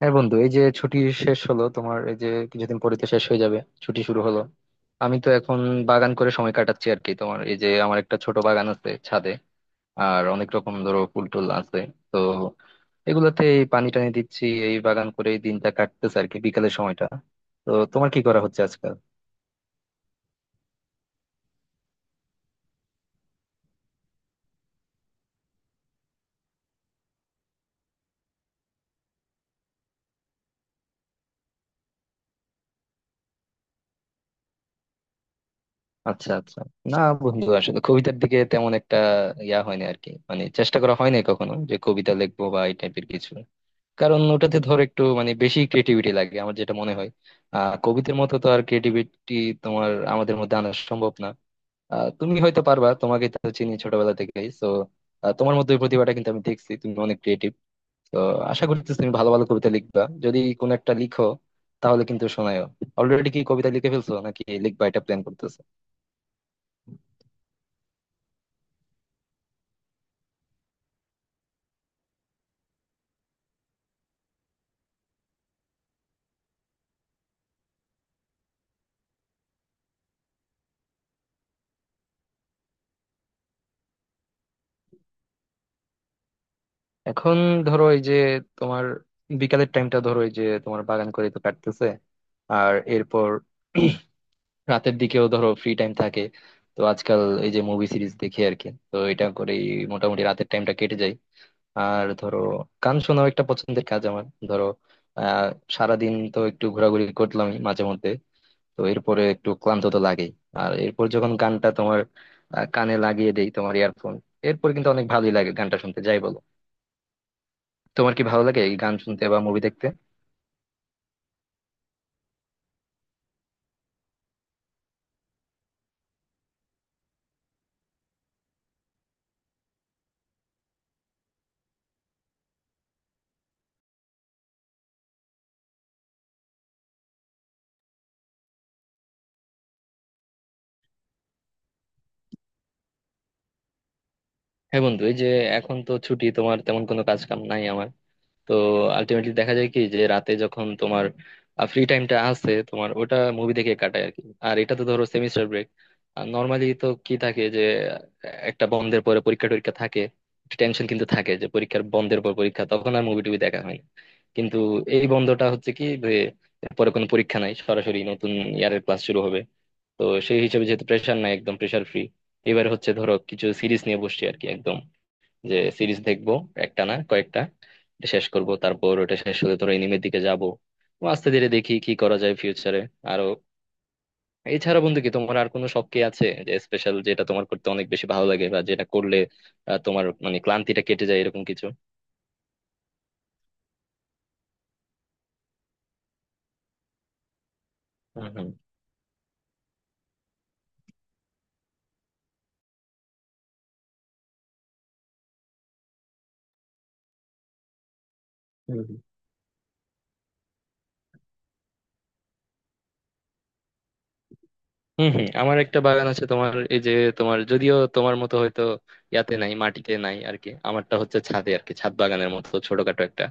হ্যাঁ বন্ধু, এই যে ছুটি শেষ হলো তোমার, এই যে কিছুদিন পরে তো শেষ হয়ে যাবে ছুটি শুরু হলো। আমি তো এখন বাগান করে সময় কাটাচ্ছি আর কি। তোমার, এই যে আমার একটা ছোট বাগান আছে ছাদে, আর অনেক রকম ধরো ফুল টুল আছে। তো এগুলোতে এই পানি টানি দিচ্ছি, এই বাগান করে এই দিনটা কাটতেছে আর কি, বিকালের সময়টা। তো তোমার কি করা হচ্ছে আজকাল? আচ্ছা আচ্ছা, না বন্ধু আসলে কবিতার দিকে তেমন একটা হয়নি আর কি, মানে চেষ্টা করা হয়নি কখনো যে কবিতা লিখবো বা এই টাইপের কিছু। কারণ ওটাতে ধর একটু মানে বেশি ক্রিয়েটিভিটি লাগে, আমার যেটা মনে হয়। কবিতার মতো তো আর ক্রিয়েটিভিটি তোমার আমাদের মধ্যে আনা সম্ভব না। তুমি হয়তো পারবা, তোমাকে তো চিনি ছোটবেলা থেকেই তো। তোমার মধ্যে ওই প্রতিভাটা কিন্তু আমি দেখছি, তুমি অনেক ক্রিয়েটিভ। তো আশা করতেছি তুমি ভালো ভালো কবিতা লিখবা। যদি কোনো একটা লিখো তাহলে কিন্তু শোনায়ও। অলরেডি কি কবিতা লিখে ফেলছো নাকি লিখবা এটা প্ল্যান করতেছো? এখন ধরো, এই যে তোমার বিকালের টাইমটা ধরো, এই যে তোমার বাগান করে তো কাটতেছে। আর এরপর রাতের দিকেও ধরো ফ্রি টাইম থাকে। তো আজকাল এই যে মুভি সিরিজ দেখি আর কি, তো এটা করেই মোটামুটি রাতের টাইমটা কেটে যায়। আর ধরো গান শোনাও একটা পছন্দের কাজ আমার। ধরো, আহ সারাদিন তো একটু ঘোরাঘুরি করলামই মাঝে মধ্যে, তো এরপরে একটু ক্লান্ত তো লাগেই। আর এরপর যখন গানটা তোমার, কানে লাগিয়ে দেই তোমার ইয়ারফোন, এরপর কিন্তু অনেক ভালোই লাগে গানটা শুনতে, যাই বলো? তোমার কি ভালো লাগে এই গান শুনতে বা মুভি দেখতে? হ্যাঁ বন্ধু, এই যে এখন তো ছুটি, তোমার তেমন কোনো কাজ কাম নাই আমার। তো আলটিমেটলি দেখা যায় কি, যে রাতে যখন তোমার ফ্রি টাইমটা আছে, তোমার ওটা মুভি দেখে কাটায় আর কি। আর এটা তো ধরো সেমিস্টার ব্রেক। আর নর্মালি তো কি থাকে যে, আহ, একটা বন্ধের পরে পরীক্ষা টরীক্ষা থাকে, টেনশন কিন্তু থাকে যে পরীক্ষার বন্ধের পর পরীক্ষা, তখন আর মুভি টুভি দেখা হয় না। কিন্তু এই বন্ধটা হচ্ছে কি যে পরে কোনো পরীক্ষা নাই, সরাসরি নতুন ইয়ারের ক্লাস শুরু হবে। তো সেই হিসেবে যেহেতু প্রেশার নাই, একদম প্রেশার ফ্রি। এবারে হচ্ছে ধরো কিছু সিরিজ নিয়ে বসছি আর কি, একদম যে সিরিজ দেখবো একটা না কয়েকটা। এটা শেষ করব, তারপর ওটা শেষ হলে ধরো এনিমের দিকে যাব। আস্তে ধীরে দেখি কি করা যায় ফিউচারে আরো। এছাড়া বন্ধু কি তোমার আর কোনো শখ কি আছে যে স্পেশাল, যেটা তোমার করতে অনেক বেশি ভালো লাগে, বা যেটা করলে তোমার মানে ক্লান্তিটা কেটে যায় এরকম কিছু? হুম, হুম। হম হম, আমার একটা বাগান আছে তোমার, এই যে তোমার যদিও, তোমার মতো হয়তো নাই, মাটিতে নাই আর কি। আমারটা হচ্ছে ছাদে আর কি, ছাদ বাগানের মতো ছোটখাটো একটা।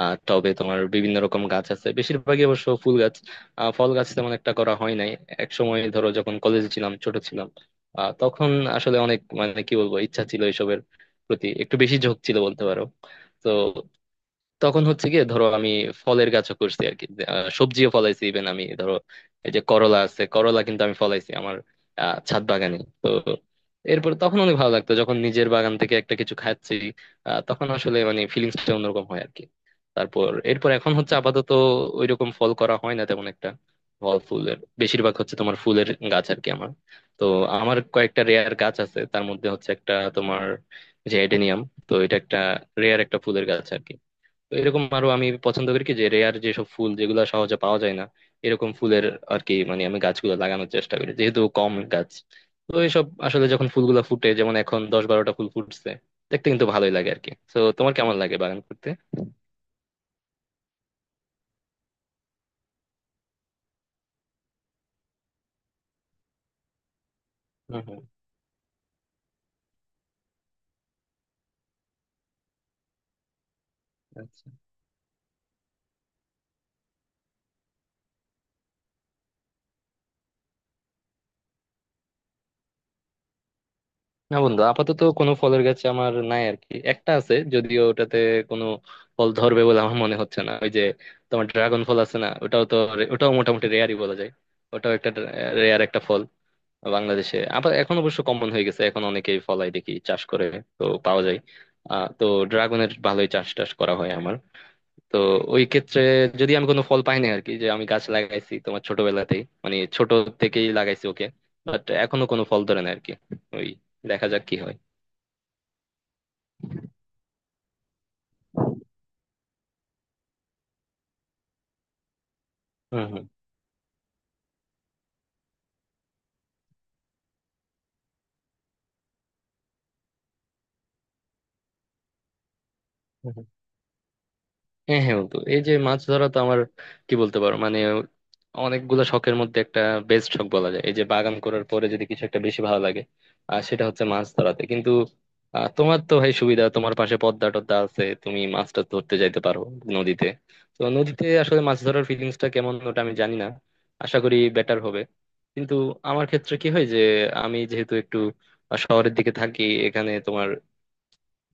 টবে তোমার বিভিন্ন রকম গাছ আছে, বেশিরভাগই অবশ্য ফুল গাছ। ফল গাছ তেমন একটা করা হয় নাই। এক সময় ধরো যখন কলেজে ছিলাম, ছোট ছিলাম, তখন আসলে অনেক মানে কি বলবো, ইচ্ছা ছিল এসবের প্রতি, একটু বেশি ঝোঁক ছিল বলতে পারো। তো তখন হচ্ছে গিয়ে ধরো আমি ফলের গাছও করছি আর কি যে, সবজিও ফলাইছি। ইভেন আমি ধরো এই যে করলা আছে, করলা কিন্তু আমি ফলাইছি আমার, ছাদ বাগানে। তো এরপর তখন অনেক ভালো লাগতো যখন নিজের বাগান থেকে একটা কিছু খাচ্ছি, তখন আসলে মানে ফিলিংসটা অন্যরকম হয় আর কি। তারপর এরপর এখন হচ্ছে আপাতত ওইরকম ফল করা হয় না তেমন একটা। ফল ফুলের বেশিরভাগ হচ্ছে তোমার ফুলের গাছ আর কি আমার। তো আমার কয়েকটা রেয়ার গাছ আছে, তার মধ্যে হচ্ছে একটা তোমার, যে এডেনিয়াম। তো এটা একটা রেয়ার একটা ফুলের গাছ আর কি। তো এরকম আরো আমি পছন্দ করি কি, যে রেয়ার যেসব ফুল, যেগুলো সহজে পাওয়া যায় না এরকম ফুলের আর কি, মানে আমি গাছগুলো লাগানোর চেষ্টা করি, যেহেতু কম গাছ। তো এইসব আসলে যখন ফুলগুলো ফুটে, যেমন এখন 10-12টা ফুল ফুটছে, দেখতে কিন্তু ভালোই লাগে আর কি। তো তোমার কেমন লাগে বাগান করতে? হম হম। আচ্ছা, না বন্ধু আপাতত কোনো ফলের গাছ আমার নাই আর কি। একটা আছে যদিও, ওটাতে কোনো ফল ধরবে বলে আমার মনে হচ্ছে না। ওই যে তোমার ড্রাগন ফল আছে না, ওটাও তো ওটাও মোটামুটি রেয়ারই বলা যায়। ওটাও একটা রেয়ার একটা ফল। বাংলাদেশে আবার এখন অবশ্য কমন হয়ে গেছে, এখন অনেকেই ফলাই দেখি, চাষ করে তো পাওয়া যায়। তো ড্রাগনের ভালোই চাষ টাস করা হয় আমার। তো ওই ক্ষেত্রে যদি আমি কোনো ফল পাই না আর কি, যে আমি গাছ লাগাইছি তোমার ছোটবেলাতেই, মানে ছোট থেকেই লাগাইছি ওকে, বাট এখনো কোনো ফল ধরে না আর কি। ওই দেখা যাক কি হয়। হম হম। হ্যাঁ হ্যাঁ বন্ধু, এই যে মাছ ধরা তো আমার কি বলতে পারো, মানে অনেকগুলা শখের মধ্যে একটা বেস্ট শখ বলা যায়। এই যে বাগান করার পরে যদি কিছু একটা বেশি ভালো লাগে, আর সেটা হচ্ছে মাছ ধরাতে কিন্তু। তোমার তো ভাই সুবিধা, তোমার পাশে পদ্মা টদ্মা আছে, তুমি মাছটা ধরতে যাইতে পারো নদীতে। তো নদীতে আসলে মাছ ধরার ফিলিংসটা কেমন, ওটা আমি জানি না, আশা করি বেটার হবে। কিন্তু আমার ক্ষেত্রে কি হয়, যে আমি যেহেতু একটু শহরের দিকে থাকি, এখানে তোমার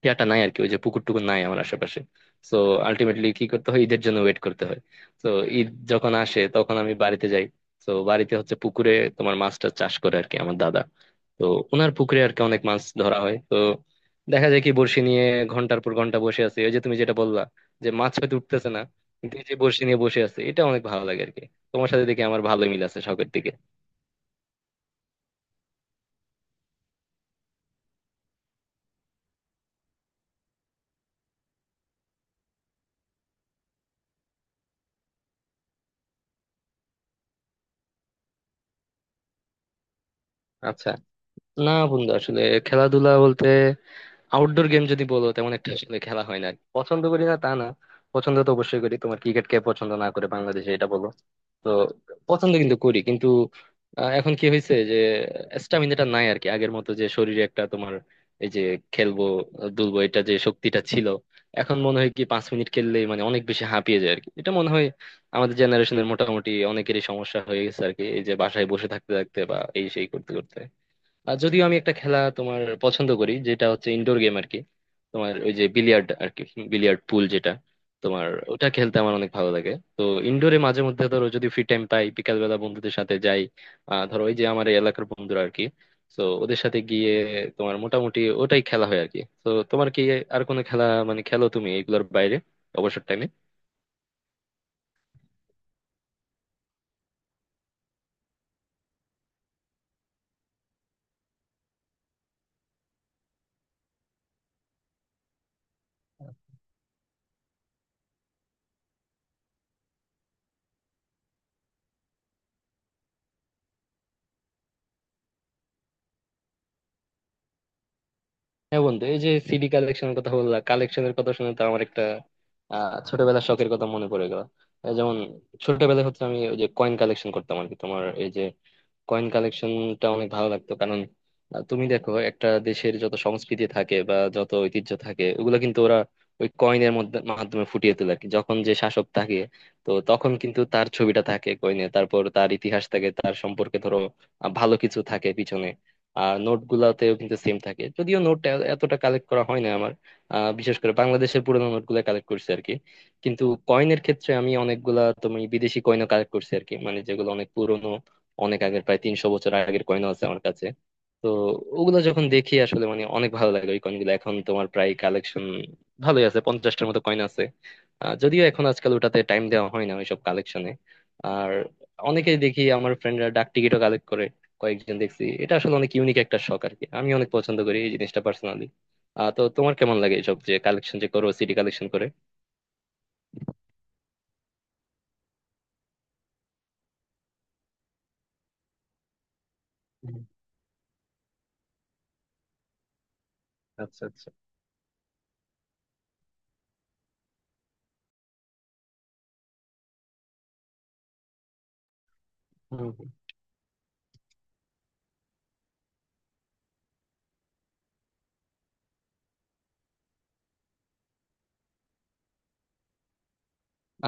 নাই আর কি, ওই যে পুকুর টুকুর নাই আমার আশেপাশে। তো আলটিমেটলি কি করতে হয়, ঈদের জন্য ওয়েট করতে হয়। তো ঈদ যখন আসে তখন আমি বাড়িতে যাই। তো বাড়িতে হচ্ছে পুকুরে তোমার মাছটা চাষ করে আর কি আমার দাদা। তো ওনার পুকুরে আর কি অনেক মাছ ধরা হয়। তো দেখা যায় কি বড়শি নিয়ে ঘন্টার পর ঘন্টা বসে আছে, ওই যে তুমি যেটা বললা যে মাছ হয়তো উঠতেছে না, কিন্তু এই যে বড়শি নিয়ে বসে আছে, এটা অনেক ভালো লাগে আর কি। তোমার সাথে দেখে আমার ভালো মিল আছে শখের দিকে। আচ্ছা, না বন্ধু আসলে খেলাধুলা বলতে আউটডোর গেম যদি বলো, তেমন একটা আসলে খেলা হয় না আর কি। পছন্দ করি না তা না, পছন্দ তো অবশ্যই করি। তোমার ক্রিকেট কে পছন্দ না করে বাংলাদেশে, এটা বলো। তো পছন্দ কিন্তু করি, কিন্তু এখন কি হয়েছে যে স্টামিনাটা নাই আর কি আগের মতো, যে শরীরে একটা তোমার এই যে খেলবো দুলবো এটা যে শক্তিটা ছিল, এখন মনে হয় কি 5 মিনিট খেললেই মানে অনেক বেশি হাঁপিয়ে যায় আর কি। এটা মনে হয় আমাদের জেনারেশনের মোটামুটি অনেকেরই সমস্যা হয়ে গেছে আর কি, এই যে বাসায় বসে থাকতে থাকতে বা এই সেই করতে করতে। আর যদিও আমি একটা খেলা তোমার পছন্দ করি, যেটা হচ্ছে ইনডোর গেম আর কি, তোমার ওই যে বিলিয়ার্ড আর কি, বিলিয়ার্ড পুল যেটা তোমার, ওটা খেলতে আমার অনেক ভালো লাগে। তো ইনডোরে মাঝে মধ্যে ধরো যদি ফ্রি টাইম পাই, বিকাল বেলা বন্ধুদের সাথে যাই, ধরো ওই যে আমার এই এলাকার বন্ধুরা আর কি। তো ওদের সাথে গিয়ে তোমার মোটামুটি ওটাই খেলা হয় আর কি। তো তোমার কি আর কোনো খেলা মানে খেলো তুমি এগুলোর বাইরে অবসর টাইমে? হ্যাঁ বন্ধু, এই যে সিডি কালেকশনের কথা বললা, কালেকশনের কথা শুনে তো আমার একটা ছোটবেলার শখের কথা মনে পড়ে গেল। যেমন ছোটবেলায় হচ্ছে আমি ওই যে কয়েন কালেকশন করতাম আর কি। তোমার এই যে কয়েন কালেকশনটা অনেক ভালো লাগতো, কারণ তুমি দেখো একটা দেশের যত সংস্কৃতি থাকে বা যত ঐতিহ্য থাকে, ওগুলো কিন্তু ওরা ওই কয়েনের মধ্যে মাধ্যমে ফুটিয়ে তোলে আর কি। যখন যে শাসক থাকে, তো তখন কিন্তু তার ছবিটা থাকে কয়েনে, তারপর তার ইতিহাস থাকে তার সম্পর্কে, ধরো ভালো কিছু থাকে পিছনে। আর নোট গুলাতেও কিন্তু সেম থাকে, যদিও নোট এতটা কালেক্ট করা হয় না আমার। বিশেষ করে বাংলাদেশের পুরোনো নোট গুলা কালেক্ট করছি আর কি। কিন্তু কয়েনের ক্ষেত্রে আমি অনেকগুলা তুমি বিদেশি কয়েনও কালেক্ট করছি আর কি, মানে যেগুলো অনেক পুরোনো, অনেক আগের, প্রায় 300 বছর আগের কয়েনও আছে আমার কাছে। তো ওগুলো যখন দেখি আসলে মানে অনেক ভালো লাগে। ওই কয়েনগুলো এখন তোমার প্রায় কালেকশন ভালোই আছে, 50টার মতো কয়েন আছে। যদিও এখন আজকাল ওটাতে টাইম দেওয়া হয় না ওইসব কালেকশনে। আর অনেকেই দেখি আমার ফ্রেন্ডরা ডাক টিকিটও কালেক্ট কয়েকজন দেখছি, এটা আসলে অনেক ইউনিক একটা শখ আর কি, আমি অনেক পছন্দ করি এই জিনিসটা পার্সোনালি। তো তোমার কেমন লাগে এসব যে কালেকশন যে করো, সিডি কালেকশন করে? হুম, হুম।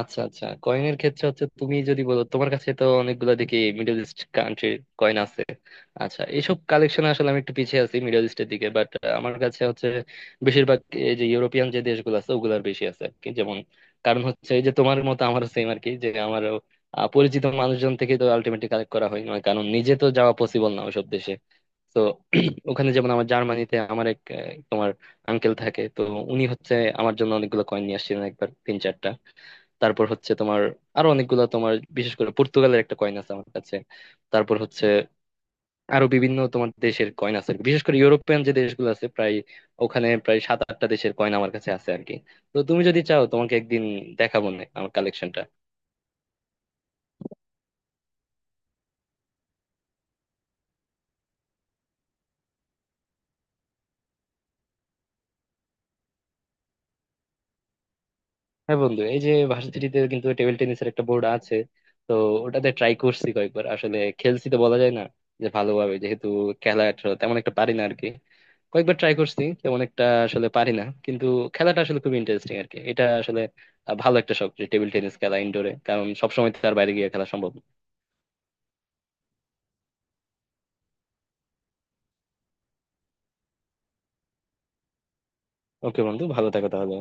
আচ্ছা আচ্ছা, কয়েনের ক্ষেত্রে হচ্ছে তুমি যদি বলো, তোমার কাছে তো অনেকগুলো দেখি মিডল ইস্ট কান্ট্রির কয়েন আছে। আচ্ছা এইসব কালেকশন আসলে আমি একটু পিছিয়ে আছি মিডল ইস্টের দিকে, বাট আমার কাছে হচ্ছে বেশিরভাগ এই যে ইউরোপিয়ান যে দেশগুলো আছে, ওগুলার বেশি আছে আর কি। যেমন কারণ হচ্ছে এই যে তোমার মতো আমারও সেম আর কি, যে আমারও পরিচিত মানুষজন থেকে তো আলটিমেটলি কালেক্ট করা হয়, না কারণ নিজে তো যাওয়া পসিবল না ওইসব দেশে। তো ওখানে যেমন আমার জার্মানিতে আমার এক তোমার আঙ্কেল থাকে তো, উনি হচ্ছে আমার জন্য অনেকগুলো কয়েন নিয়ে আসছিলেন একবার, 3-4টা। তারপর হচ্ছে তোমার আরো অনেকগুলো তোমার, বিশেষ করে পর্তুগালের একটা কয়েন আছে আমার কাছে। তারপর হচ্ছে আরো বিভিন্ন তোমার দেশের কয়েন আছে আর কি। বিশেষ করে ইউরোপিয়ান যে দেশগুলো আছে প্রায়, ওখানে প্রায় 7-8টা দেশের কয়েন আমার কাছে আছে আর কি। তো তুমি যদি চাও তোমাকে একদিন দেখাবো না আমার কালেকশনটা। হ্যাঁ বন্ধু, এই যে ভার্সিটিতে কিন্তু টেবিল টেনিসের একটা বোর্ড আছে। তো ওটাতে ট্রাই করছি কয়েকবার, আসলে খেলছি তো বলা যায় না, যে ভালোভাবে যেহেতু তেমন একটা পারি না আরকি। কয়েকবার ট্রাই করছি, তেমন একটা আসলে পারি না, কিন্তু খেলাটা আসলে খুব ইন্টারেস্টিং আরকি। এটা আসলে ভালো একটা শখ যে টেবিল টেনিস খেলা ইনডোরে, কারণ সবসময় তো আর বাইরে গিয়ে খেলা সম্ভব না। ওকে বন্ধু, ভালো থাকো তাহলে।